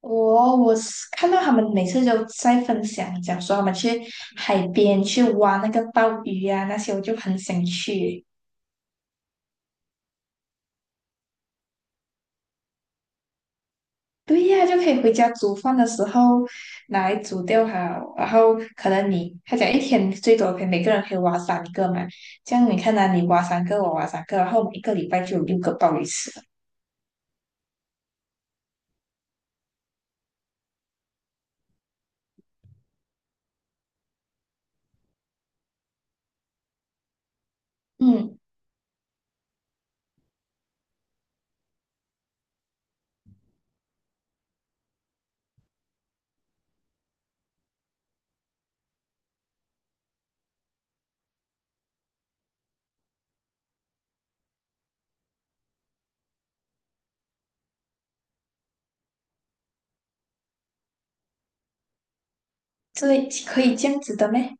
我是看到他们每次都在分享，讲说他们去海边去挖那个鲍鱼啊，那些我就很想去。对呀、就可以回家煮饭的时候拿来煮掉它，然后可能你他讲一天最多可以每个人可以挖三个嘛，这样你看啊，你挖三个，我挖三个，然后我们一个礼拜就有六个鲍鱼吃了。嗯，这类可以这样子的咩？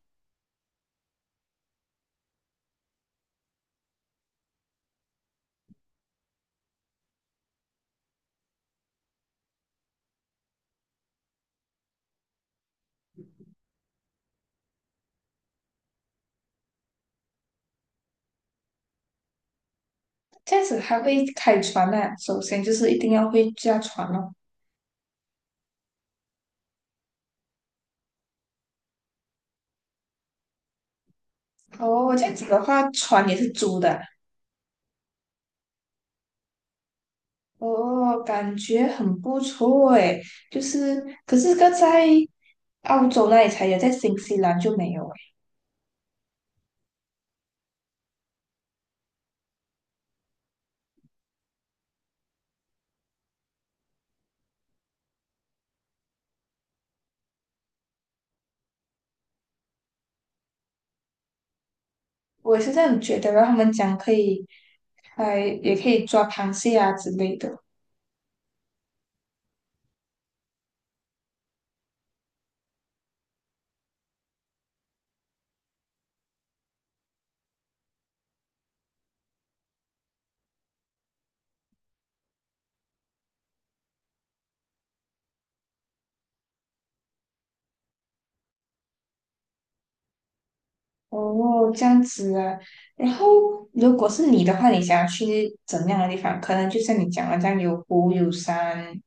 这样子还会开船啊，首先就是一定要会驾船哦。哦，这样子的话，船也是租的啊。哦，感觉很不错诶。就是，可是个在澳洲那里才有，在新西兰就没有诶。我也是这样觉得，然后他们讲可以，哎，也可以抓螃蟹啊之类的。哦，这样子啊。然后，如果是你的话，你想要去怎么样的地方？可能就像你讲的这样，有湖有山。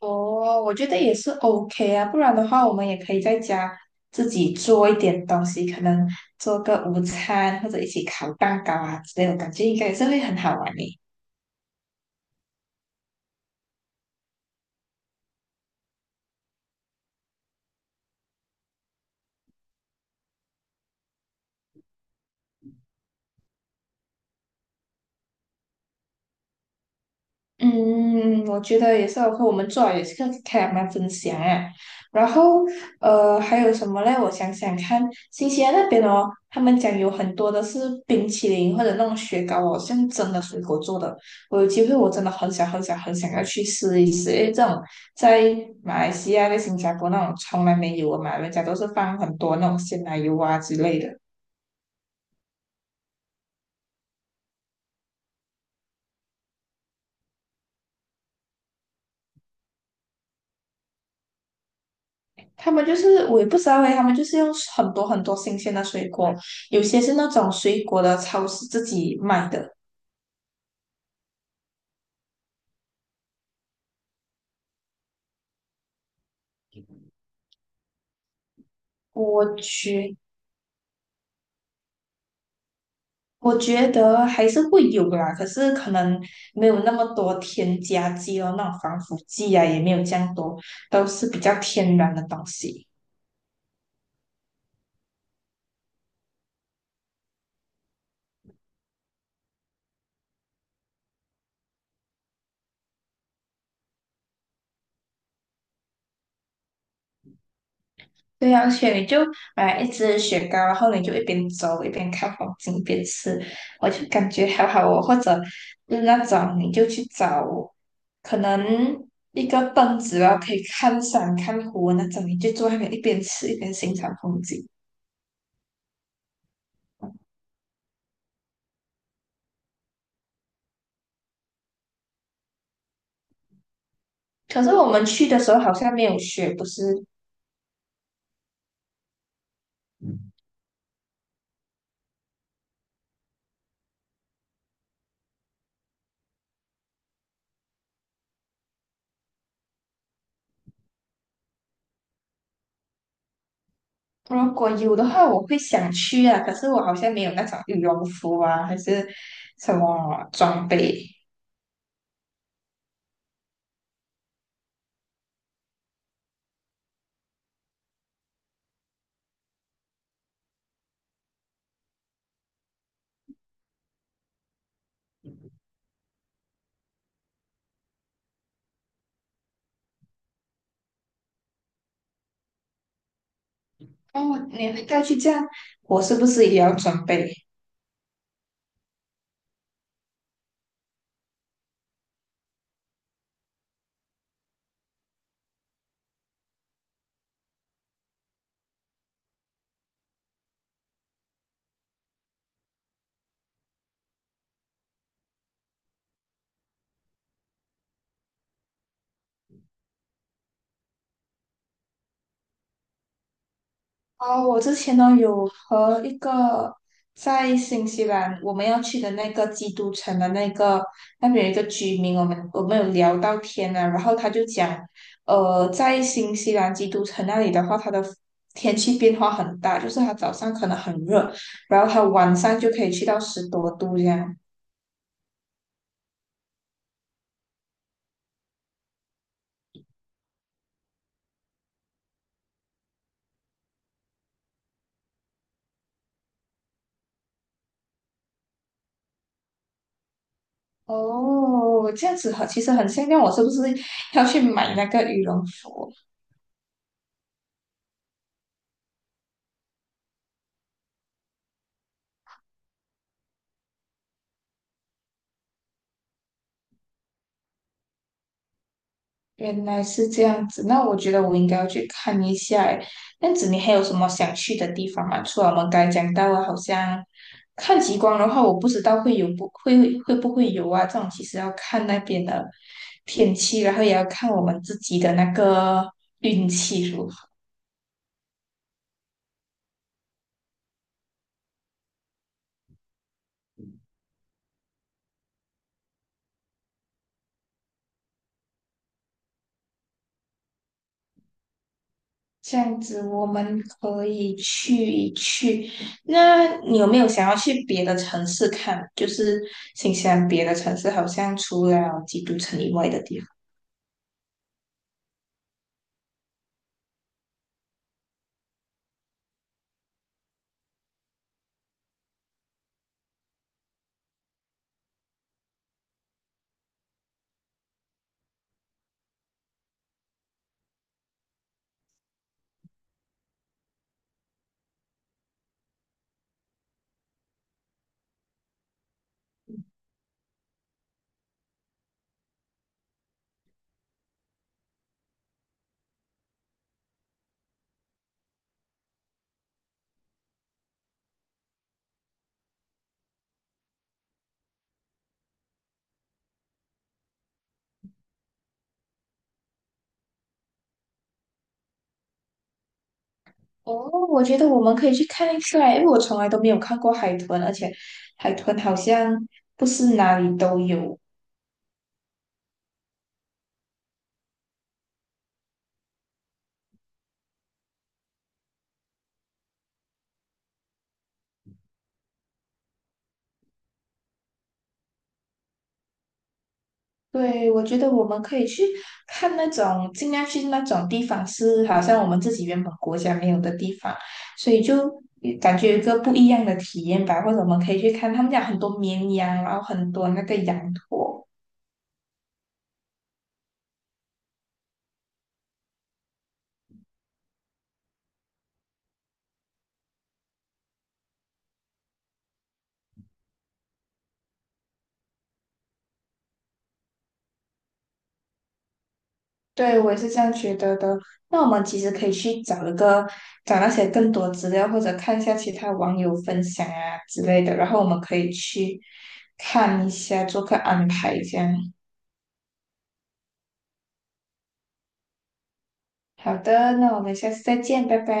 哦，我觉得也是 OK 啊，不然的话，我们也可以在家自己做一点东西，可能做个午餐或者一起烤蛋糕啊之类的，我感觉应该也是会很好玩的。嗯，我觉得也是，和我们做好也是个开他分享啊。然后，还有什么嘞？我想想看，新西兰那边哦，他们讲有很多的是冰淇淋或者那种雪糕哦，像真的水果做的。我有机会，我真的很想很想很想要去试一试，因为这种在马来西亚、在新加坡那种从来没有的嘛，人家都是放很多那种鲜奶油啊之类的。他们就是我也不知道诶，他们就是用很多很多新鲜的水果，有些是那种水果的超市自己卖的。我觉我觉得还是会有啦，可是可能没有那么多添加剂哦，那种防腐剂啊也没有这样多，都是比较天然的东西。对呀，而且你就买一支雪糕，然后你就一边走一边看风景一边吃，我就感觉好好哦。或者嗯那种你就去找，可能一个凳子然后可以看山看湖那种，你就坐那边一边吃一边欣赏风景。可是我们去的时候好像没有雪，不是？如果有的话，我会想去啊。可是我好像没有那种羽绒服啊，还是什么装备。哦，你会带去这样，我是不是也要准备？啊，我之前呢有和一个在新西兰我们要去的那个基督城的那个那边有一个居民，我们有聊到天啊，然后他就讲，在新西兰基督城那里的话，它的天气变化很大，就是它早上可能很热，然后它晚上就可以去到10多度这样。哦，这样子很，其实很像，那我是不是要去买那个羽绒服？原来是这样子，那我觉得我应该要去看一下诶。这样子，你还有什么想去的地方吗？除了我们刚才讲到的，好像看极光的话，我不知道会有不会会不会有啊？这种其实要看那边的天气，然后也要看我们自己的那个运气如何。这样子，我们可以去一去。那你有没有想要去别的城市看？就是新西兰别的城市，好像除了基督城以外的地方。哦，我觉得我们可以去看一下，因为我从来都没有看过海豚，而且海豚好像不是哪里都有。对，我觉得我们可以去看那种，尽量去那种地方是好像我们自己原本国家没有的地方，所以就感觉有一个不一样的体验吧。或者我们可以去看，他们家很多绵羊，然后很多那个羊驼。对，我也是这样觉得的。那我们其实可以去找一个，找那些更多资料，或者看一下其他网友分享啊之类的，然后我们可以去看一下，做个安排这样。好的，那我们下次再见，拜拜。